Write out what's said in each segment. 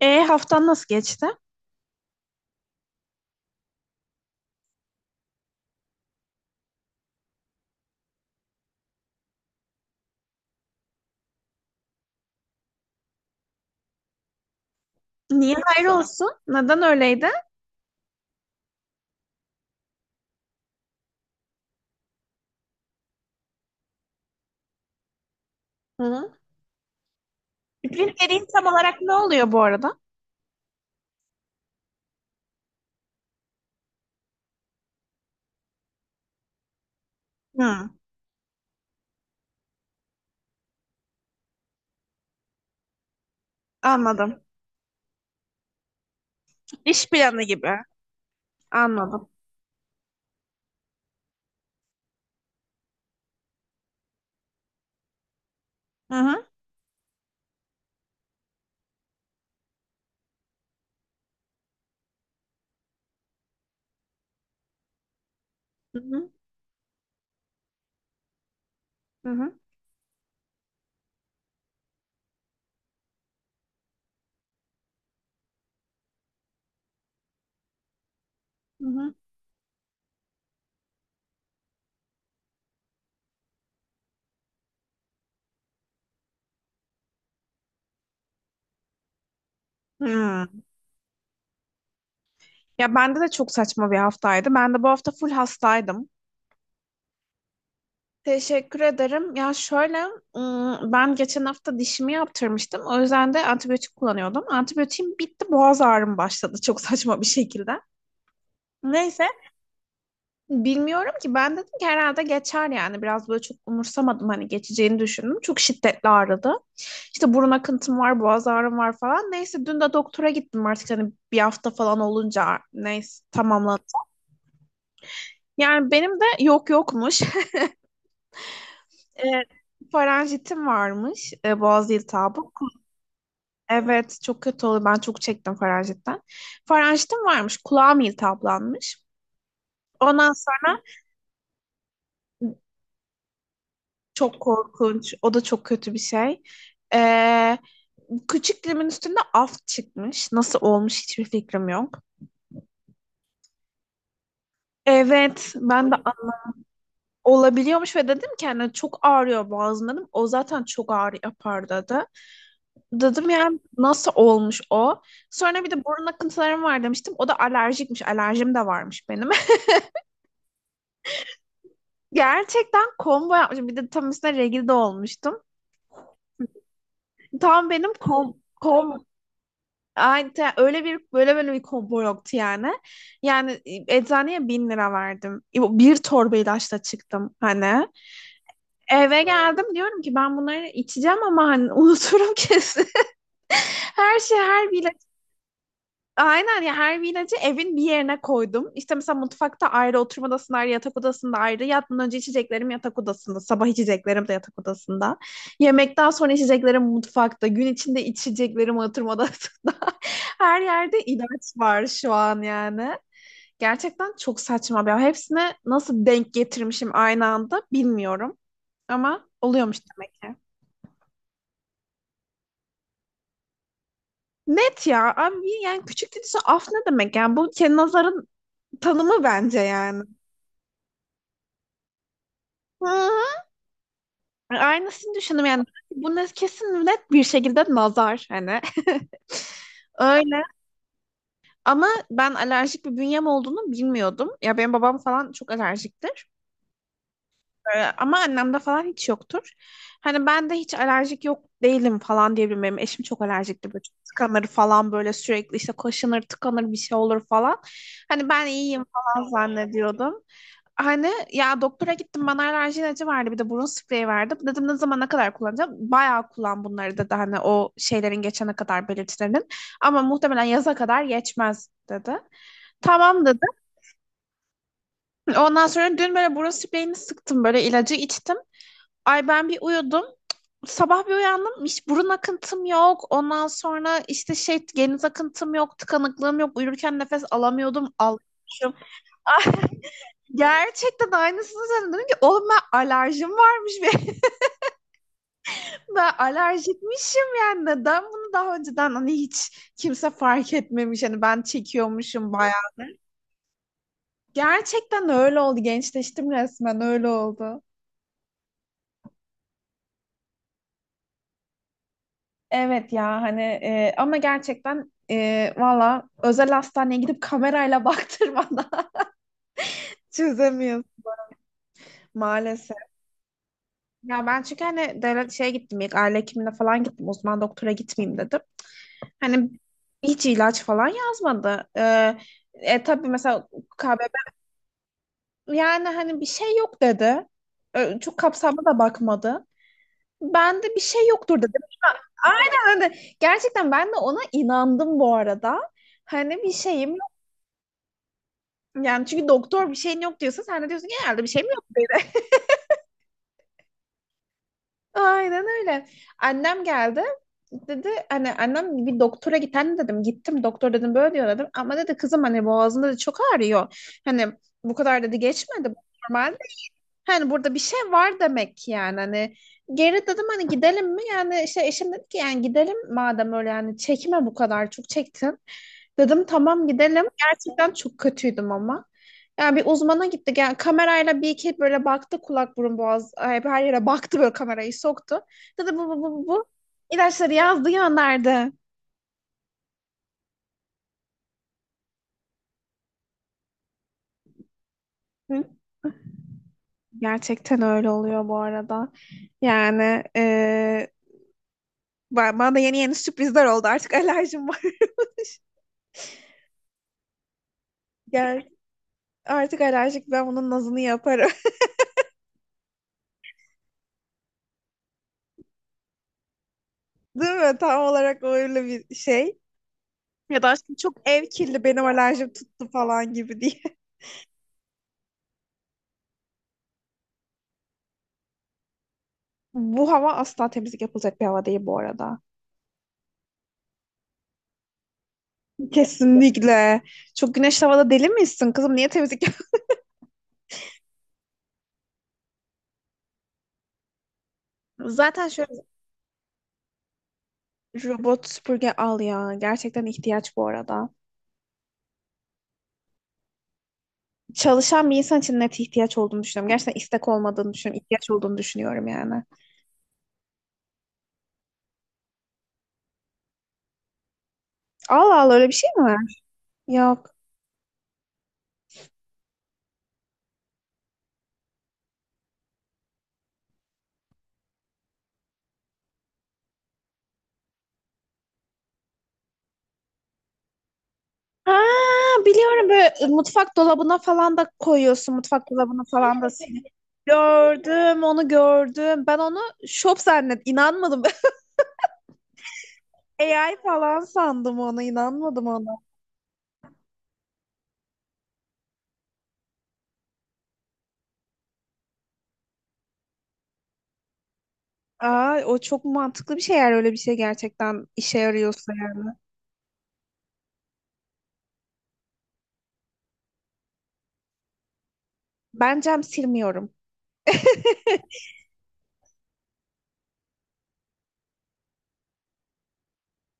E haftan nasıl geçti? Niye hayır olsun? Neden öyleydi? Hı. Bütün dediğin tam olarak ne oluyor bu arada? Hı, anladım. İş planı gibi. Anladım. Hı hı. Hı hı. Hı hı. Hı hı. Hı. Ya bende de çok saçma bir haftaydı. Ben de bu hafta full hastaydım. Teşekkür ederim. Ya şöyle, ben geçen hafta dişimi yaptırmıştım. O yüzden de antibiyotik kullanıyordum. Antibiyotiğim bitti, boğaz ağrım başladı çok saçma bir şekilde. Neyse, bilmiyorum ki, ben dedim ki herhalde geçer yani, biraz böyle çok umursamadım, hani geçeceğini düşündüm. Çok şiddetli ağrıdı. İşte burun akıntım var, boğaz ağrım var falan. Neyse, dün de doktora gittim, artık hani bir hafta falan olunca, neyse, tamamladı. Yani benim de yok yokmuş. E, faranjitim varmış, boğaz iltihabı. Evet, çok kötü oluyor, ben çok çektim faranjitten. Faranjitim varmış, kulağım iltihaplanmış. Ondan sonra çok korkunç, o da çok kötü bir şey. Ee, küçük dilimin üstünde af çıkmış. Nasıl olmuş hiçbir fikrim yok. Evet, ben de olabiliyormuş ve dedim ki hani çok ağrıyor boğazım dedim. O zaten çok ağrı yapar dedi. Dedim yani nasıl olmuş o? Sonra bir de burun akıntılarım var demiştim. O da alerjikmiş. Alerjim de varmış benim. Gerçekten combo yapmışım. Bir de tam üstüne regl de olmuştum. Tam benim kom, kom öyle bir böyle böyle bir combo yoktu yani. Yani, eczaneye 1.000 lira verdim. Bir torba ilaçla çıktım hani. Eve geldim, diyorum ki ben bunları içeceğim, ama hani unuturum kesin. Her şey her bir aynen ya, her vinacı evin bir yerine koydum. İşte mesela mutfakta ayrı, oturma odasında ayrı, yatak odasında ayrı. Yatmadan önce içeceklerim yatak odasında. Sabah içeceklerim de yatak odasında. Yemekten sonra içeceklerim mutfakta. Gün içinde içeceklerim oturma odasında. Her yerde ilaç var şu an yani. Gerçekten çok saçma bir. Hepsine nasıl denk getirmişim aynı anda bilmiyorum. Ama oluyormuş demek ki. Net ya. Abi yani, küçük dediyse af ne demek? Yani bu kendi nazarın tanımı bence yani. Hı. Aynısını düşündüm yani. Buna kesin net bir şekilde nazar hani. Öyle, ama ben alerjik bir bünyem olduğunu bilmiyordum. Ya benim babam falan çok alerjiktir. Ama annemde falan hiç yoktur. Hani ben de hiç alerjik yok değilim falan diyebilirim. Benim eşim çok alerjikti. Böyle çok tıkanır falan, böyle sürekli işte kaşınır, tıkanır, bir şey olur falan. Hani ben iyiyim falan zannediyordum. Hani ya doktora gittim, bana alerji ilacı verdi, bir de burun spreyi verdi. Dedim ne zaman, ne kadar kullanacağım? Bayağı kullan bunları dedi, hani o şeylerin geçene kadar, belirtilerin. Ama muhtemelen yaza kadar geçmez dedi. Tamam dedi. Ondan sonra dün böyle burun spreyini sıktım, böyle ilacı içtim. Ay ben bir uyudum. Sabah bir uyandım. Hiç burun akıntım yok. Ondan sonra işte şey geniz akıntım yok. Tıkanıklığım yok. Uyurken nefes alamıyordum. Almışım. Ah, gerçekten aynısını söyledim. Dedim ki oğlum ben alerjim varmış. Ve ben alerjikmişim yani. Neden bunu daha önceden hani hiç kimse fark etmemiş. Hani ben çekiyormuşum bayağı. Gerçekten öyle oldu. Gençleştim resmen, öyle oldu. Evet ya hani, ama gerçekten, valla özel hastaneye gidip kamerayla baktırmadan çözemiyoruz maalesef. Ya ben çünkü hani devlet şeye gittim, ilk aile hekimine falan gittim, uzman doktora gitmeyeyim dedim. Hani hiç ilaç falan yazmadı. Tabii mesela KBB, yani hani bir şey yok dedi. Çok kapsamlı da bakmadı. Ben de bir şey yoktur dedim. Aynen öyle. Gerçekten ben de ona inandım bu arada. Hani bir şeyim. Yani çünkü doktor bir şeyin yok diyorsa sen de diyorsun ki herhalde bir şeyim yok dedi. Aynen öyle. Annem geldi. Dedi hani annem bir doktora git anne dedim. Gittim doktor dedim böyle diyor dedim. Ama dedi kızım hani boğazında da çok ağrıyor. Hani bu kadar dedi geçmedi. Bu normal, hani burada bir şey var demek ki, yani hani geri dedim hani, gidelim mi yani şey, eşim dedi ki yani gidelim madem öyle, yani çekme bu kadar çok çektin. Dedim tamam gidelim. Gerçekten çok kötüydüm ama. Yani bir uzmana gittik. Yani kamerayla bir iki böyle baktı, kulak burun boğaz, ay, her yere baktı, böyle kamerayı soktu. Dedi bu bu bu bu bu. İlaçları yazdı, gönderdi. Hı? Gerçekten öyle oluyor bu arada. Yani bana da yeni yeni sürprizler oldu, artık alerjim var. Gel. Artık alerjik, ben bunun nazını yaparım. Değil mi? Tam olarak öyle bir şey. Ya da aşkım çok ev kirli, benim alerjim tuttu falan gibi diye. Bu hava asla temizlik yapılacak bir hava değil bu arada. Kesinlikle. Çok güneşli havada deli misin kızım? Niye temizlik yap- Zaten şöyle, robot süpürge al ya. Gerçekten ihtiyaç bu arada. Çalışan bir insan için net ihtiyaç olduğunu düşünüyorum. Gerçekten istek olmadığını düşünüyorum. İhtiyaç olduğunu düşünüyorum yani. Allah Allah, öyle bir şey mi var? Yok. Ha, biliyorum, böyle mutfak dolabına falan da koyuyorsun. Mutfak dolabına falan da siliyor. Gördüm onu, gördüm. Ben onu şop zannet, inanmadım. AI falan sandım, ona inanmadım ona. Aa, o çok mantıklı bir şey eğer öyle bir şey gerçekten işe yarıyorsa, ya. Ben cam silmiyorum.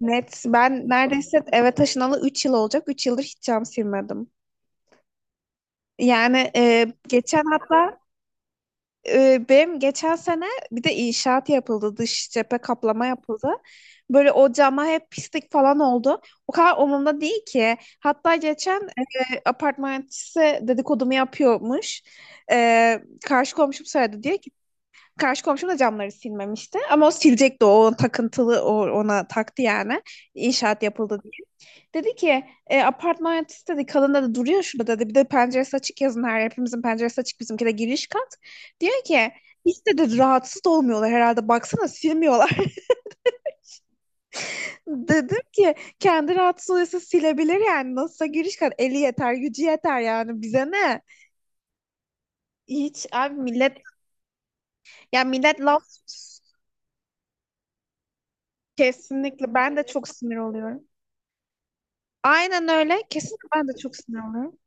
Net. Ben neredeyse eve taşınalı 3 yıl olacak. 3 yıldır hiç cam silmedim. Yani, geçen hatta, benim geçen sene bir de inşaat yapıldı. Dış cephe kaplama yapıldı. Böyle o cama hep pislik falan oldu. O kadar umurumda değil ki. Hatta geçen, apartmançısı dedikodumu yapıyormuş. E, karşı komşum söyledi diye ki karşı komşum da camları silmemişti. Ama o silecekti. O takıntılı, o, ona taktı yani. İnşaat yapıldı. Dedi ki, apartman yöneticisi dedi kalında da duruyor şurada dedi. Bir de penceresi açık yazın her yer, hepimizin penceresi açık, bizimki de giriş kat. Diyor ki hiç dedi rahatsız olmuyorlar herhalde, baksana silmiyorlar. Dedim ki kendi rahatsız oluyorsa silebilir, yani nasılsa giriş kat, eli yeter gücü yeter, yani bize ne? Hiç abi millet, yani millet laf, kesinlikle ben de çok sinir oluyorum. Aynen öyle, kesinlikle ben de çok sinir oluyorum.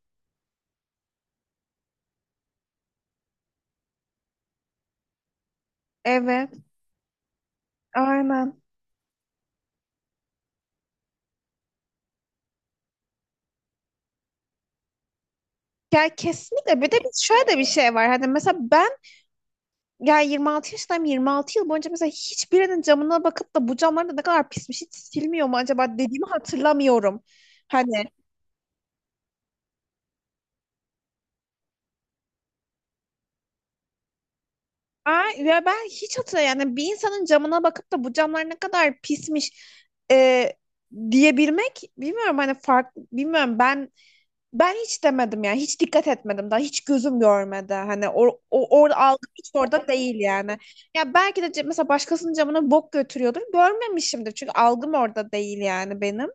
Evet aynen. Ya kesinlikle, bir de biz şöyle de bir şey var. Hani mesela ben. Ya, 26 yaşındayım, 26 yıl boyunca mesela hiçbirinin camına bakıp da bu camlar da ne kadar pismiş, hiç silmiyor mu acaba dediğimi hatırlamıyorum. Hani ve ben hiç hatırlamıyorum yani, bir insanın camına bakıp da bu camlar ne kadar pismiş, e, diyebilmek bilmiyorum hani fark bilmiyorum, ben hiç demedim yani, hiç dikkat etmedim, daha hiç gözüm görmedi, hani o orada algım hiç orada değil yani. Ya belki de mesela başkasının camına bok götürüyordur görmemişimdir çünkü algım orada değil yani benim.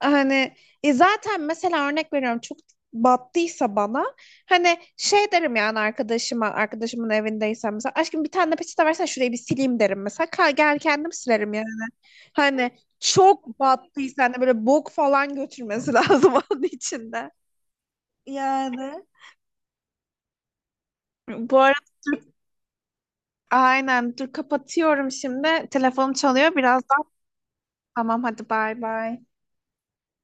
Hani, zaten mesela örnek veriyorum, çok battıysa bana hani şey derim yani arkadaşıma, arkadaşımın evindeysem mesela, aşkım bir tane de peçete versene şurayı bir sileyim derim mesela, gel kendim silerim yani, hani çok battıysa hani böyle bok falan götürmesi lazım onun içinde, yani bu arada aynen, dur kapatıyorum şimdi telefonum çalıyor birazdan, tamam hadi bay bay